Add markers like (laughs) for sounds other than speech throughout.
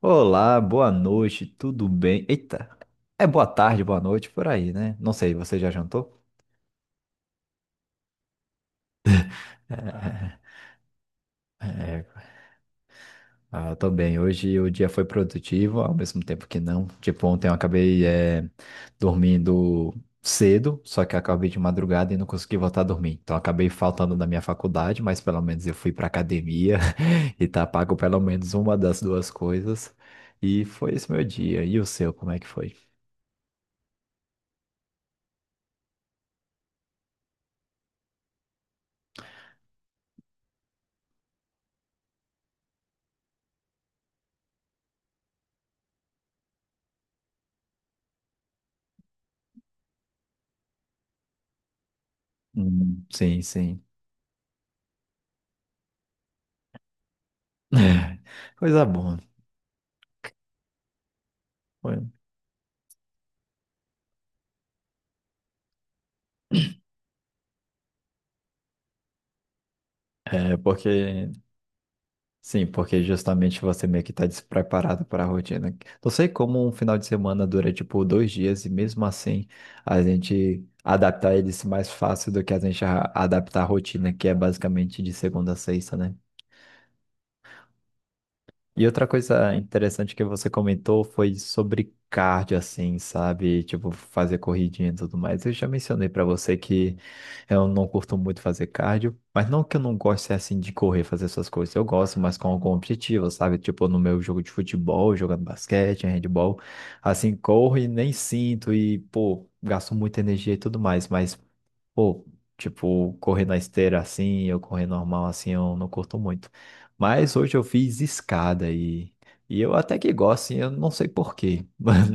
Olá, boa noite, tudo bem? Eita, é boa tarde, boa noite, por aí, né? Não sei, você já jantou? (laughs) É, é, eu tô bem. Hoje o dia foi produtivo, ao mesmo tempo que não. Tipo, ontem eu acabei dormindo cedo, só que acabei de madrugada e não consegui voltar a dormir. Então acabei faltando da minha faculdade, mas pelo menos eu fui pra academia (laughs) e tá pago pelo menos uma das duas coisas. E foi esse meu dia. E o seu, como é que foi? Sim, sim. É, coisa boa. Foi- É porque, sim, porque justamente você meio que tá despreparado para a rotina. Não sei como um final de semana dura tipo dois dias e mesmo assim a gente adaptar eles mais fácil do que adaptar a rotina, que é basicamente de segunda a sexta, né? E outra coisa interessante que você comentou foi sobre cardio, assim, sabe? Tipo, fazer corridinha e tudo mais. Eu já mencionei pra você que eu não curto muito fazer cardio, mas não que eu não goste, assim, de correr, fazer essas coisas. Eu gosto, mas com algum objetivo, sabe? Tipo, no meu jogo de futebol, jogando basquete, handball, assim, corro e nem sinto e, pô, gasto muita energia e tudo mais. Pô, tipo, correr na esteira assim, eu correr normal assim, eu não curto muito. Mas hoje eu fiz escada e eu até que gosto, assim, eu não sei por quê. (laughs) Mas,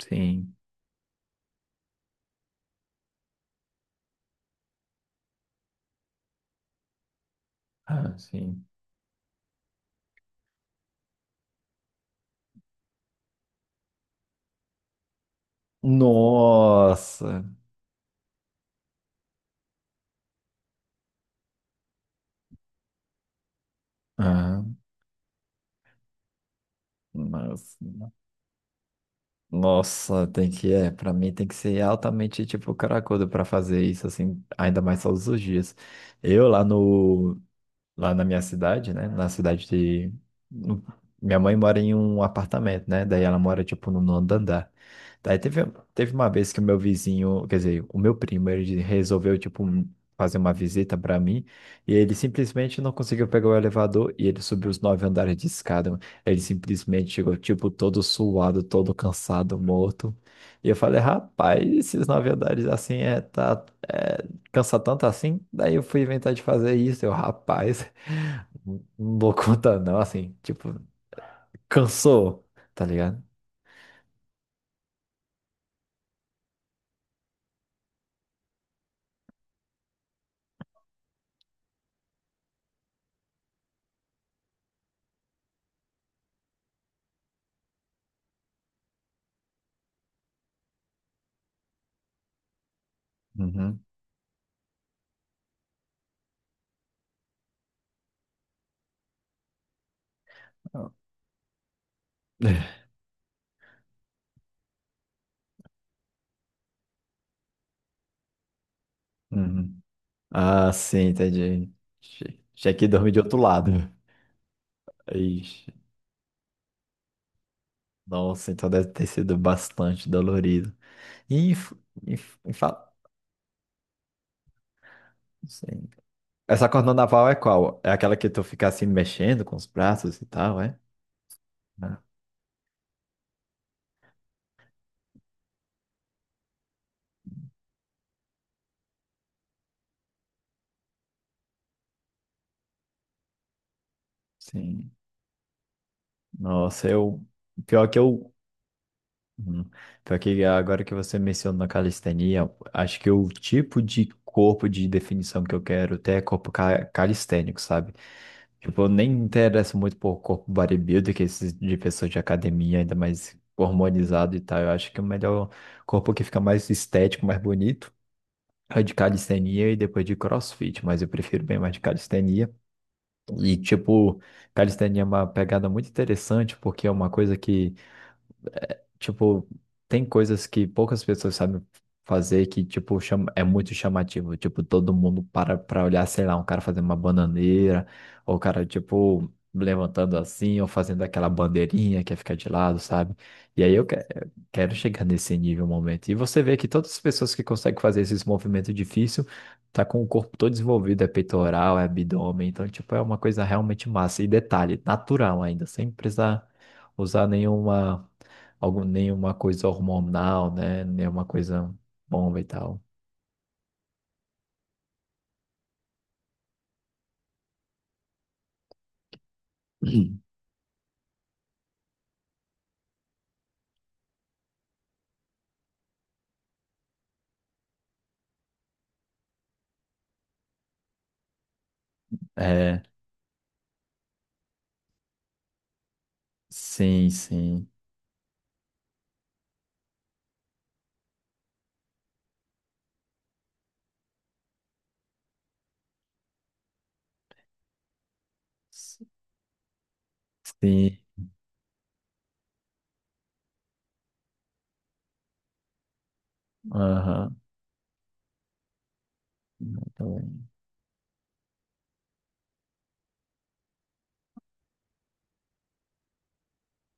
sim, ah, sim. Nossa! Ah, nossa, nossa, tem que, é, pra mim tem que ser altamente, tipo, caracudo pra fazer isso, assim, ainda mais todos os dias. Eu lá no, lá na minha cidade, né? Na cidade de. No- Minha mãe mora em um apartamento, né? Daí ela mora, tipo, no nono andar. Daí teve, teve uma vez que o meu vizinho, quer dizer, o meu primo, ele resolveu, fazer uma visita para mim e ele simplesmente não conseguiu pegar o elevador e ele subiu os nove andares de escada, mano. Ele simplesmente chegou, tipo, todo suado, todo cansado, morto. E eu falei, rapaz, esses nove andares assim cansa tanto assim. Daí eu fui inventar de fazer isso. Eu, rapaz, (laughs) não dou conta não, assim, tipo, cansou, tá ligado? Uhum, (laughs) uhum. Ah, sim, entendi. Tinha que dormir de outro lado. Ixi, nossa, então deve ter sido bastante dolorido. E, inf- inf- infa- sim. Essa corda naval é qual? É aquela que tu fica assim mexendo com os braços e tal, é? Ah, sim. Nossa, eu. Pior que eu Uhum. Então, aqui, agora que você mencionou a calistenia, acho que o tipo de corpo de definição que eu quero ter é calistênico, sabe? Tipo, eu nem me interesso muito por corpo bodybuilder, que é esses de pessoas de academia, ainda mais hormonizado e tal. Eu acho que o melhor corpo que fica mais estético, mais bonito, é de calistenia e depois de CrossFit, mas eu prefiro bem mais de calistenia. E, tipo, calistenia é uma pegada muito interessante, porque é uma coisa que tipo, tem coisas que poucas pessoas sabem fazer que, tipo, chama, é muito chamativo. Tipo, todo mundo para pra olhar, sei lá, um cara fazendo uma bananeira, ou o cara, tipo, levantando assim, ou fazendo aquela bandeirinha que fica de lado, sabe? E aí eu que- quero chegar nesse nível, momento. E você vê que todas as pessoas que conseguem fazer esses movimentos difíceis tá com o corpo todo desenvolvido, é peitoral, é abdômen, então, tipo, é uma coisa realmente massa. E detalhe, natural ainda, sem precisar usar nenhuma nenhuma coisa hormonal, né? Nenhuma coisa bomba e tal. (clears throat) Uhum. É, sim, sim. Sim. Aham. Não,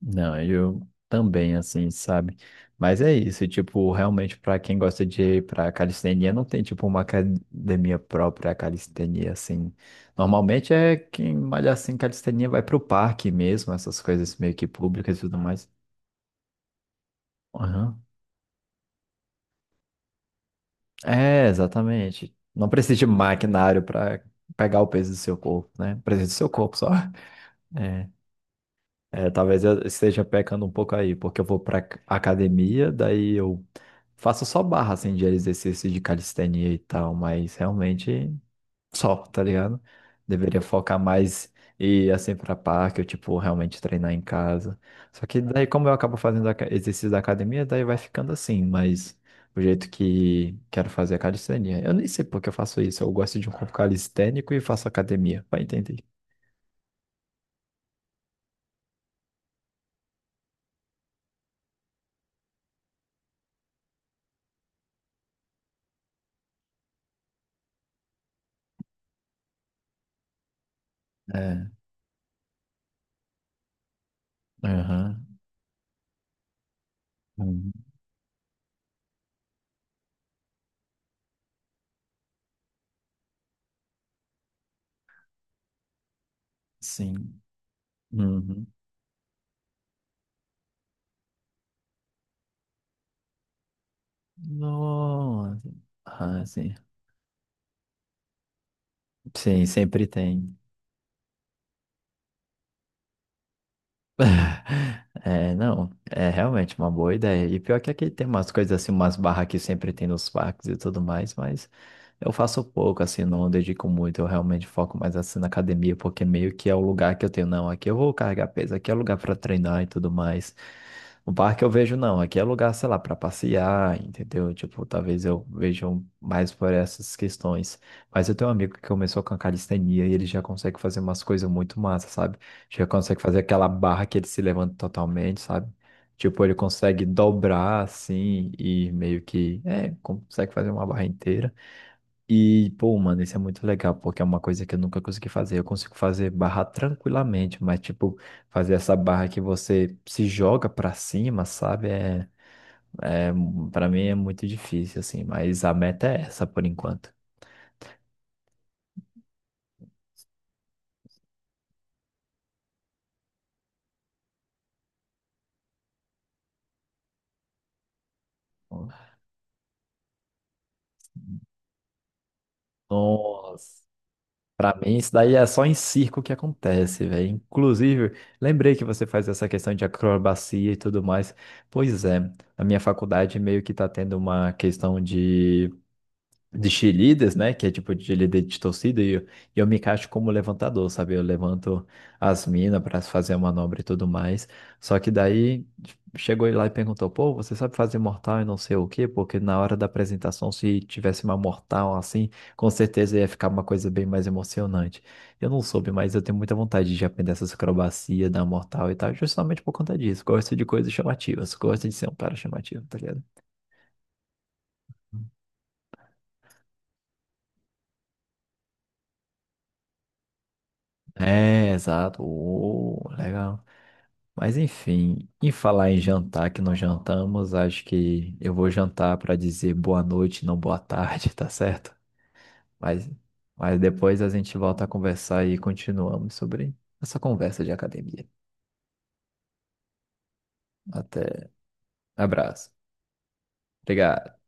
Não, eu também, assim, sabe? Mas é isso, tipo, realmente, para quem gosta de ir pra calistenia, não tem, tipo, uma academia própria a calistenia, assim. Normalmente é quem malha assim calistenia vai pro parque mesmo, essas coisas meio que públicas e tudo mais. Aham. É, exatamente. Não precisa de maquinário para pegar o peso do seu corpo, né? Precisa do seu corpo só. (laughs) É, talvez eu esteja pecando um pouco aí, porque eu vou para academia, daí eu faço só barra assim de exercício de calistenia e tal, mas realmente só, tá ligado? Deveria focar mais e ir assim pra parque, ou tipo, realmente treinar em casa. Só que daí, como eu acabo fazendo exercício da academia, daí vai ficando assim, mas o jeito que quero fazer é a calistenia. Eu nem sei por que eu faço isso. Eu gosto de um corpo calistênico e faço academia. Vai entender. É. Aham. Uhum. Sim. Uhum. Nossa. Ah, sim. Sim, sempre tem. É, não, é realmente uma boa ideia. E pior que aqui tem umas coisas assim, umas barras que sempre tem nos parques e tudo mais, mas eu faço pouco, assim, não dedico muito. Eu realmente foco mais assim na academia, porque meio que é o lugar que eu tenho, não, aqui eu vou carregar peso, aqui é lugar para treinar e tudo mais. No parque eu vejo, não, aqui é lugar, sei lá, para passear, entendeu? Tipo, talvez eu veja um, mais por essas questões. Mas eu tenho um amigo que começou com a calistenia e ele já consegue fazer umas coisas muito massas, sabe? Já consegue fazer aquela barra que ele se levanta totalmente, sabe? Tipo, ele consegue dobrar assim e meio que, é, consegue fazer uma barra inteira. E, pô, mano, isso é muito legal, porque é uma coisa que eu nunca consegui fazer. Eu consigo fazer barra tranquilamente, mas, tipo, fazer essa barra que você se joga pra cima, sabe? É, para mim é muito difícil, assim, mas a meta é essa por enquanto. Nossa. Pra mim, isso daí é só em circo que acontece, velho. Inclusive, lembrei que você faz essa questão de acrobacia e tudo mais. Pois é, na minha faculdade meio que tá tendo uma questão de cheerleaders, né? Que é tipo de líder de torcida, e eu me encaixo como levantador, sabe? Eu levanto as minas para fazer a manobra e tudo mais. Só que daí tipo, chegou ele lá e perguntou: pô, você sabe fazer mortal e não sei o quê? Porque na hora da apresentação, se tivesse uma mortal assim, com certeza ia ficar uma coisa bem mais emocionante. Eu não soube, mas eu tenho muita vontade de aprender essas acrobacias da mortal e tal, justamente por conta disso. Gosto de coisas chamativas, gosto de ser um cara chamativo, tá ligado? É, exato. Oh, legal. Mas enfim, em falar em jantar que não jantamos, acho que eu vou jantar para dizer boa noite, não boa tarde, (laughs) tá certo? Mas, mas depois a gente volta a conversar e continuamos sobre essa conversa de academia. Até. Abraço. Obrigado.